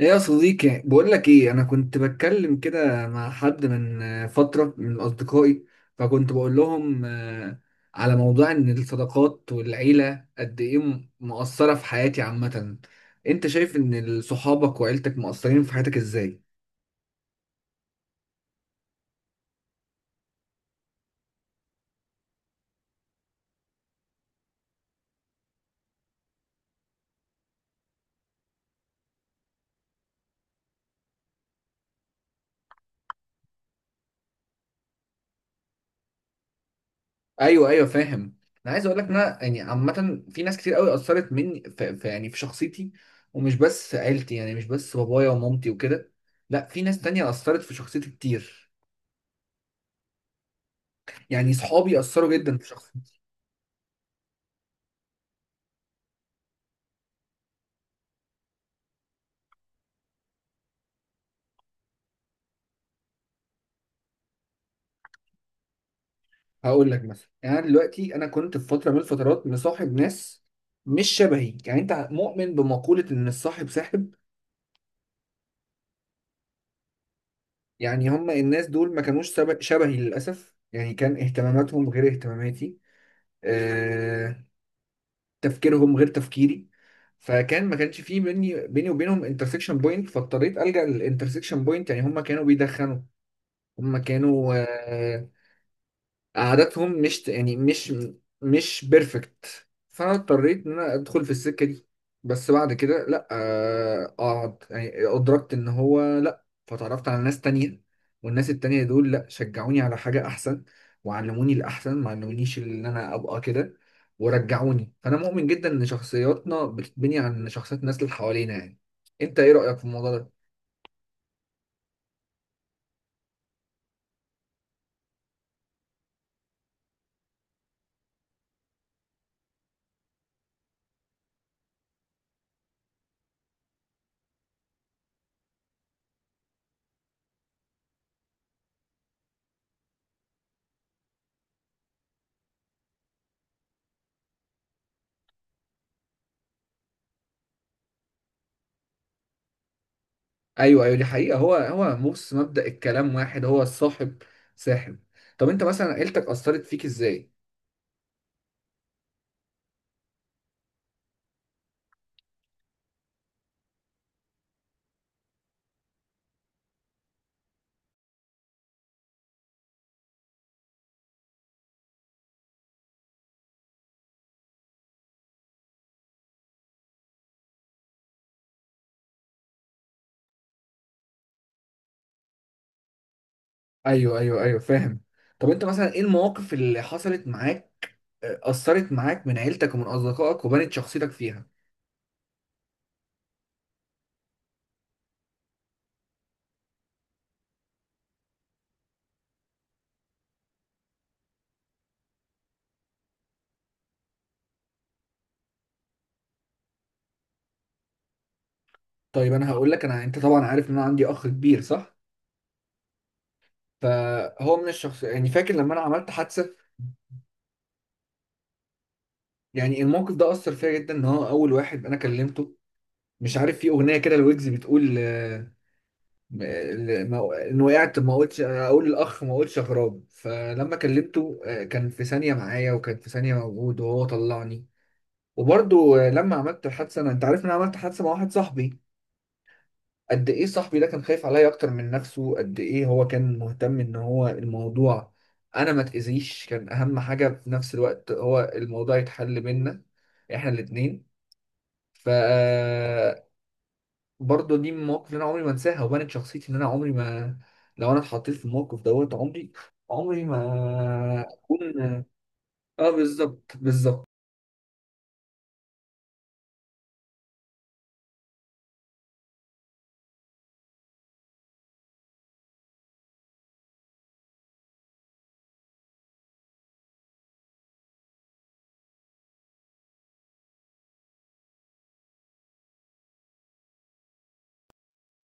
ايه يا صديقي، بقول لك ايه، انا كنت بتكلم كده مع حد من فتره من اصدقائي، فكنت بقول لهم على موضوع ان الصداقات والعيله قد ايه مؤثره في حياتي عامه. انت شايف ان صحابك وعيلتك مؤثرين في حياتك ازاي؟ ايوه، ايوه، فاهم. انا عايز اقول لك إن انا يعني عامه في ناس كتير قوي اثرت مني يعني في شخصيتي. ومش بس في عيلتي، يعني مش بس بابايا ومامتي وكده. لا، في ناس تانية اثرت في شخصيتي كتير. يعني صحابي اثروا جدا في شخصيتي. هقول لك مثلا، يعني انا دلوقتي انا كنت في فتره من الفترات مصاحب ناس مش شبهي. يعني انت مؤمن بمقوله ان الصاحب ساحب؟ يعني هم الناس دول ما كانوش شبهي للاسف، يعني كان اهتماماتهم غير اهتماماتي، آه، تفكيرهم غير تفكيري. فكان ما كانش فيه بيني وبينهم انترسكشن بوينت، فاضطريت الجا للانترسكشن بوينت، يعني هم كانوا بيدخنوا. هم كانوا آه، عاداتهم مش يعني مش بيرفكت. فانا اضطريت ان انا ادخل في السكه دي. بس بعد كده، لا، اقعد يعني ادركت ان هو لا، فتعرفت على ناس تانية. والناس التانية دول، لا، شجعوني على حاجه احسن، وعلموني الاحسن، ما علمونيش ان انا ابقى كده، ورجعوني. فانا مؤمن جدا ان شخصياتنا بتتبني عن شخصيات الناس اللي حوالينا يعني. انت ايه رايك في الموضوع ده؟ ايوه، ايوه، دي حقيقه. هو بص، مبدأ الكلام واحد، هو الصاحب ساحب. طب انت مثلا عيلتك اثرت فيك ازاي؟ ايوه، ايوه، ايوه، فاهم. طب انت مثلا ايه المواقف اللي حصلت معاك، اثرت معاك من عيلتك ومن اصدقائك وبنت شخصيتك فيها؟ طيب انا هقول لك. انت طبعا عارف ان انا عندي اخ كبير، صح؟ فهو من الشخص، يعني فاكر لما انا عملت حادثه. يعني الموقف ده اثر فيا جدا ان هو اول واحد انا كلمته. مش عارف في اغنيه كده لويجز بتقول ان وقعت ما قلتش اقول الاخ، ما قلتش اغراب، فلما كلمته كان في ثانيه معايا، وكان في ثانيه موجود وهو طلعني. وبرضه لما عملت الحادثه انا، انت عارف ان انا عملت حادثه مع واحد صاحبي. قد ايه صاحبي ده كان خايف عليا اكتر من نفسه، قد ايه هو كان مهتم ان هو الموضوع، انا ما تاذيش كان اهم حاجه، في نفس الوقت هو الموضوع يتحل بينا احنا الاتنين. ف آه، برضه دي من المواقف اللي انا عمري ما انساها، وبنت شخصيتي ان انا عمري ما، لو انا اتحطيت في الموقف دوت، عمري ما اكون. اه، بالظبط، بالظبط.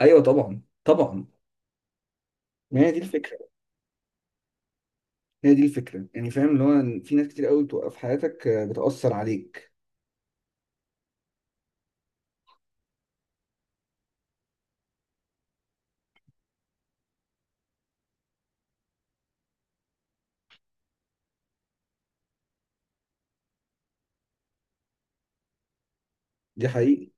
ايوه، طبعا، طبعا، ما هي دي الفكره. هي دي الفكره يعني، فاهم، اللي هو في ناس كتير قوي بتوقف في حياتك، بتاثر عليك. دي حقيقي.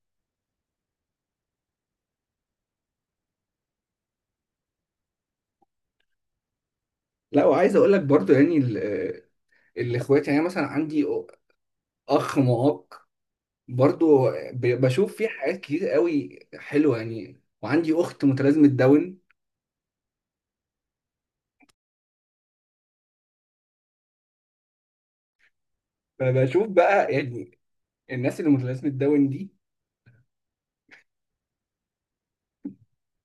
لا، وعايز اقول لك برضه يعني الاخوات، يعني أنا مثلا عندي اخ معاق، برضه بشوف فيه حاجات كتير قوي حلوه، يعني وعندي اخت متلازمه داون. فبشوف بقى، يعني الناس اللي متلازمة داون دي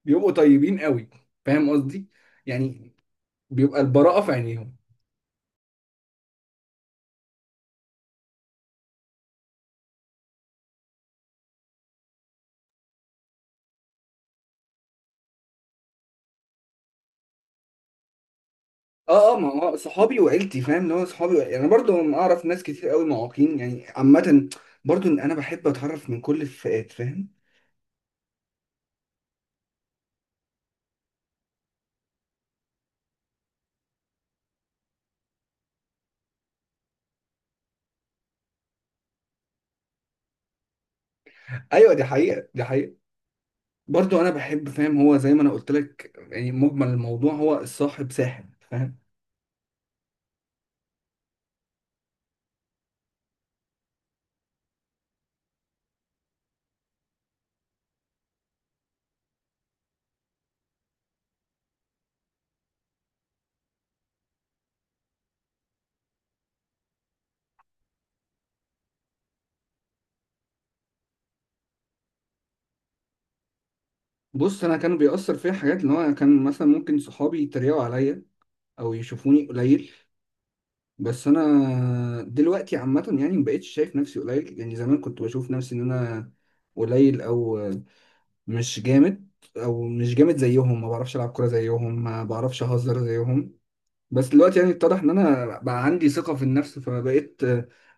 بيبقوا طيبين قوي. فاهم قصدي؟ يعني بيبقى البراءة في عينيهم. اه، اه، ما هو صحابي وعيلتي، فاهم، اللي هو صحابي وعيلتي. انا برضو اعرف ناس كتير قوي معاقين يعني عامة، برضو إن انا بحب اتعرف من كل الفئات، فاهم؟ ايوه، دي حقيقة، دي حقيقة. برضو انا بحب، فاهم، هو زي ما انا قلت لك يعني مجمل الموضوع هو الصاحب ساحب، فاهم؟ بص، انا كان بيأثر فيا حاجات، اللي هو كان مثلا ممكن صحابي يتريقوا عليا او يشوفوني قليل. بس انا دلوقتي عامه يعني مبقتش شايف نفسي قليل، يعني زمان كنت بشوف نفسي ان انا قليل، او مش جامد، او مش جامد زيهم، ما بعرفش العب كوره زيهم، ما بعرفش اهزر زيهم. بس دلوقتي يعني اتضح ان انا بقى عندي ثقه في النفس، فبقيت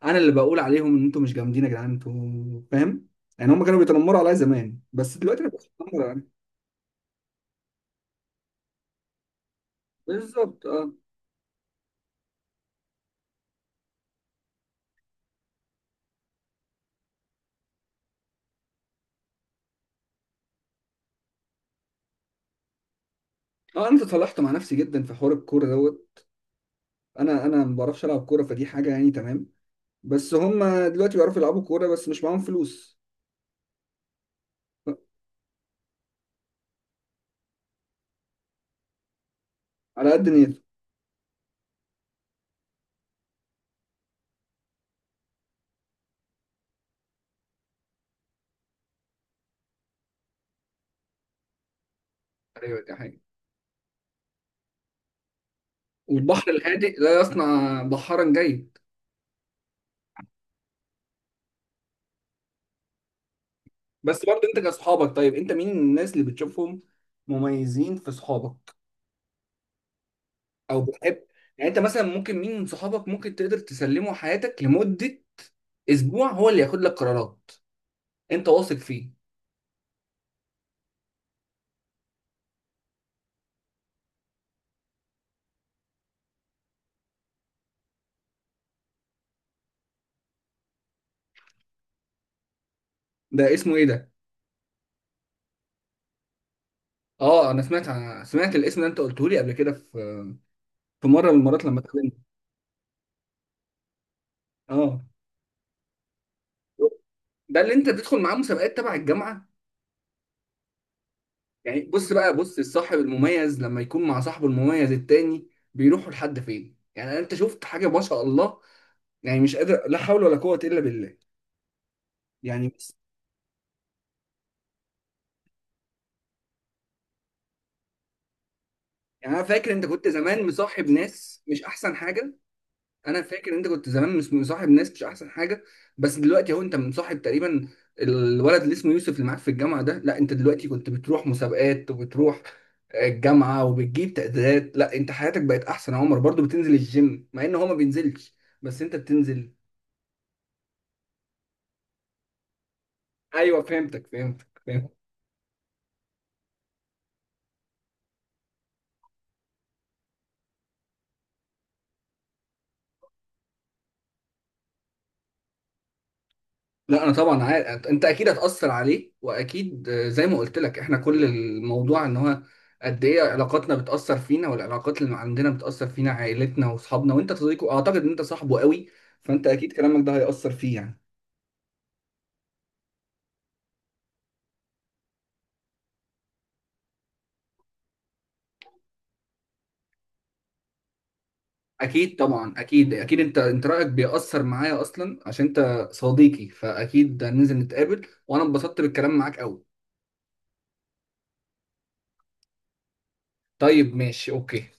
انا اللي بقول عليهم ان انتوا مش جامدين يا جدعان، انتوا فاهم؟ يعني هم كانوا بيتنمروا عليا زمان، بس دلوقتي انا بقيت بتنمر عليهم. بالظبط، اه. اه، انا تصالحت مع نفسي جدا في حوار الكوره دوت. انا ما بعرفش العب كوره، فدي حاجه يعني تمام. بس هم دلوقتي بيعرفوا يلعبوا كورة، بس مش معاهم فلوس. على قد نيته. ايوه، دي حقيقة. والبحر الهادئ لا يصنع بحرا جيد. بس برضه انت كاصحابك، طيب انت مين الناس اللي بتشوفهم مميزين في صحابك؟ او بتحب، يعني انت مثلا ممكن مين من صحابك ممكن تقدر تسلمه حياتك لمدة اسبوع، هو اللي ياخد لك قرارات، انت واثق فيه؟ ده اسمه ايه ده؟ اه، انا سمعت الاسم ده، انت قلته لي قبل كده في مره من المرات لما اتقابلنا. اه، ده اللي انت بتدخل معاه مسابقات تبع الجامعه؟ يعني بص بقى، بص الصاحب المميز لما يكون مع صاحبه المميز التاني، بيروحوا لحد فين؟ يعني انت شفت حاجه، ما شاء الله، يعني مش قادر، لا حول ولا قوه الا بالله، يعني بس. يعني انا فاكر انت كنت زمان مصاحب ناس مش احسن حاجه. انا فاكر إن انت كنت زمان مش مصاحب ناس مش احسن حاجه. بس دلوقتي اهو انت مصاحب تقريبا الولد اللي اسمه يوسف اللي معاك في الجامعه ده، لا انت دلوقتي كنت بتروح مسابقات وبتروح الجامعه وبتجيب تقديرات، لا انت حياتك بقت احسن يا عمر، برضو بتنزل الجيم مع ان هو ما بينزلش، بس انت بتنزل. ايوه، فهمتك، فهمتك، فهمتك. لا، انا طبعا عارف انت اكيد هتاثر عليه، واكيد زي ما قلت لك احنا كل الموضوع ان هو قد ايه علاقاتنا بتاثر فينا، والعلاقات اللي عندنا بتاثر فينا عائلتنا واصحابنا، وانت صديقه، اعتقد ان انت صاحبه قوي، فانت اكيد كلامك ده هياثر فيه يعني. اكيد، طبعا، اكيد، اكيد، انت رايك بيأثر معايا اصلا عشان انت صديقي، فاكيد هننزل نتقابل، وانا انبسطت بالكلام معاك قوي. طيب، ماشي، اوكي.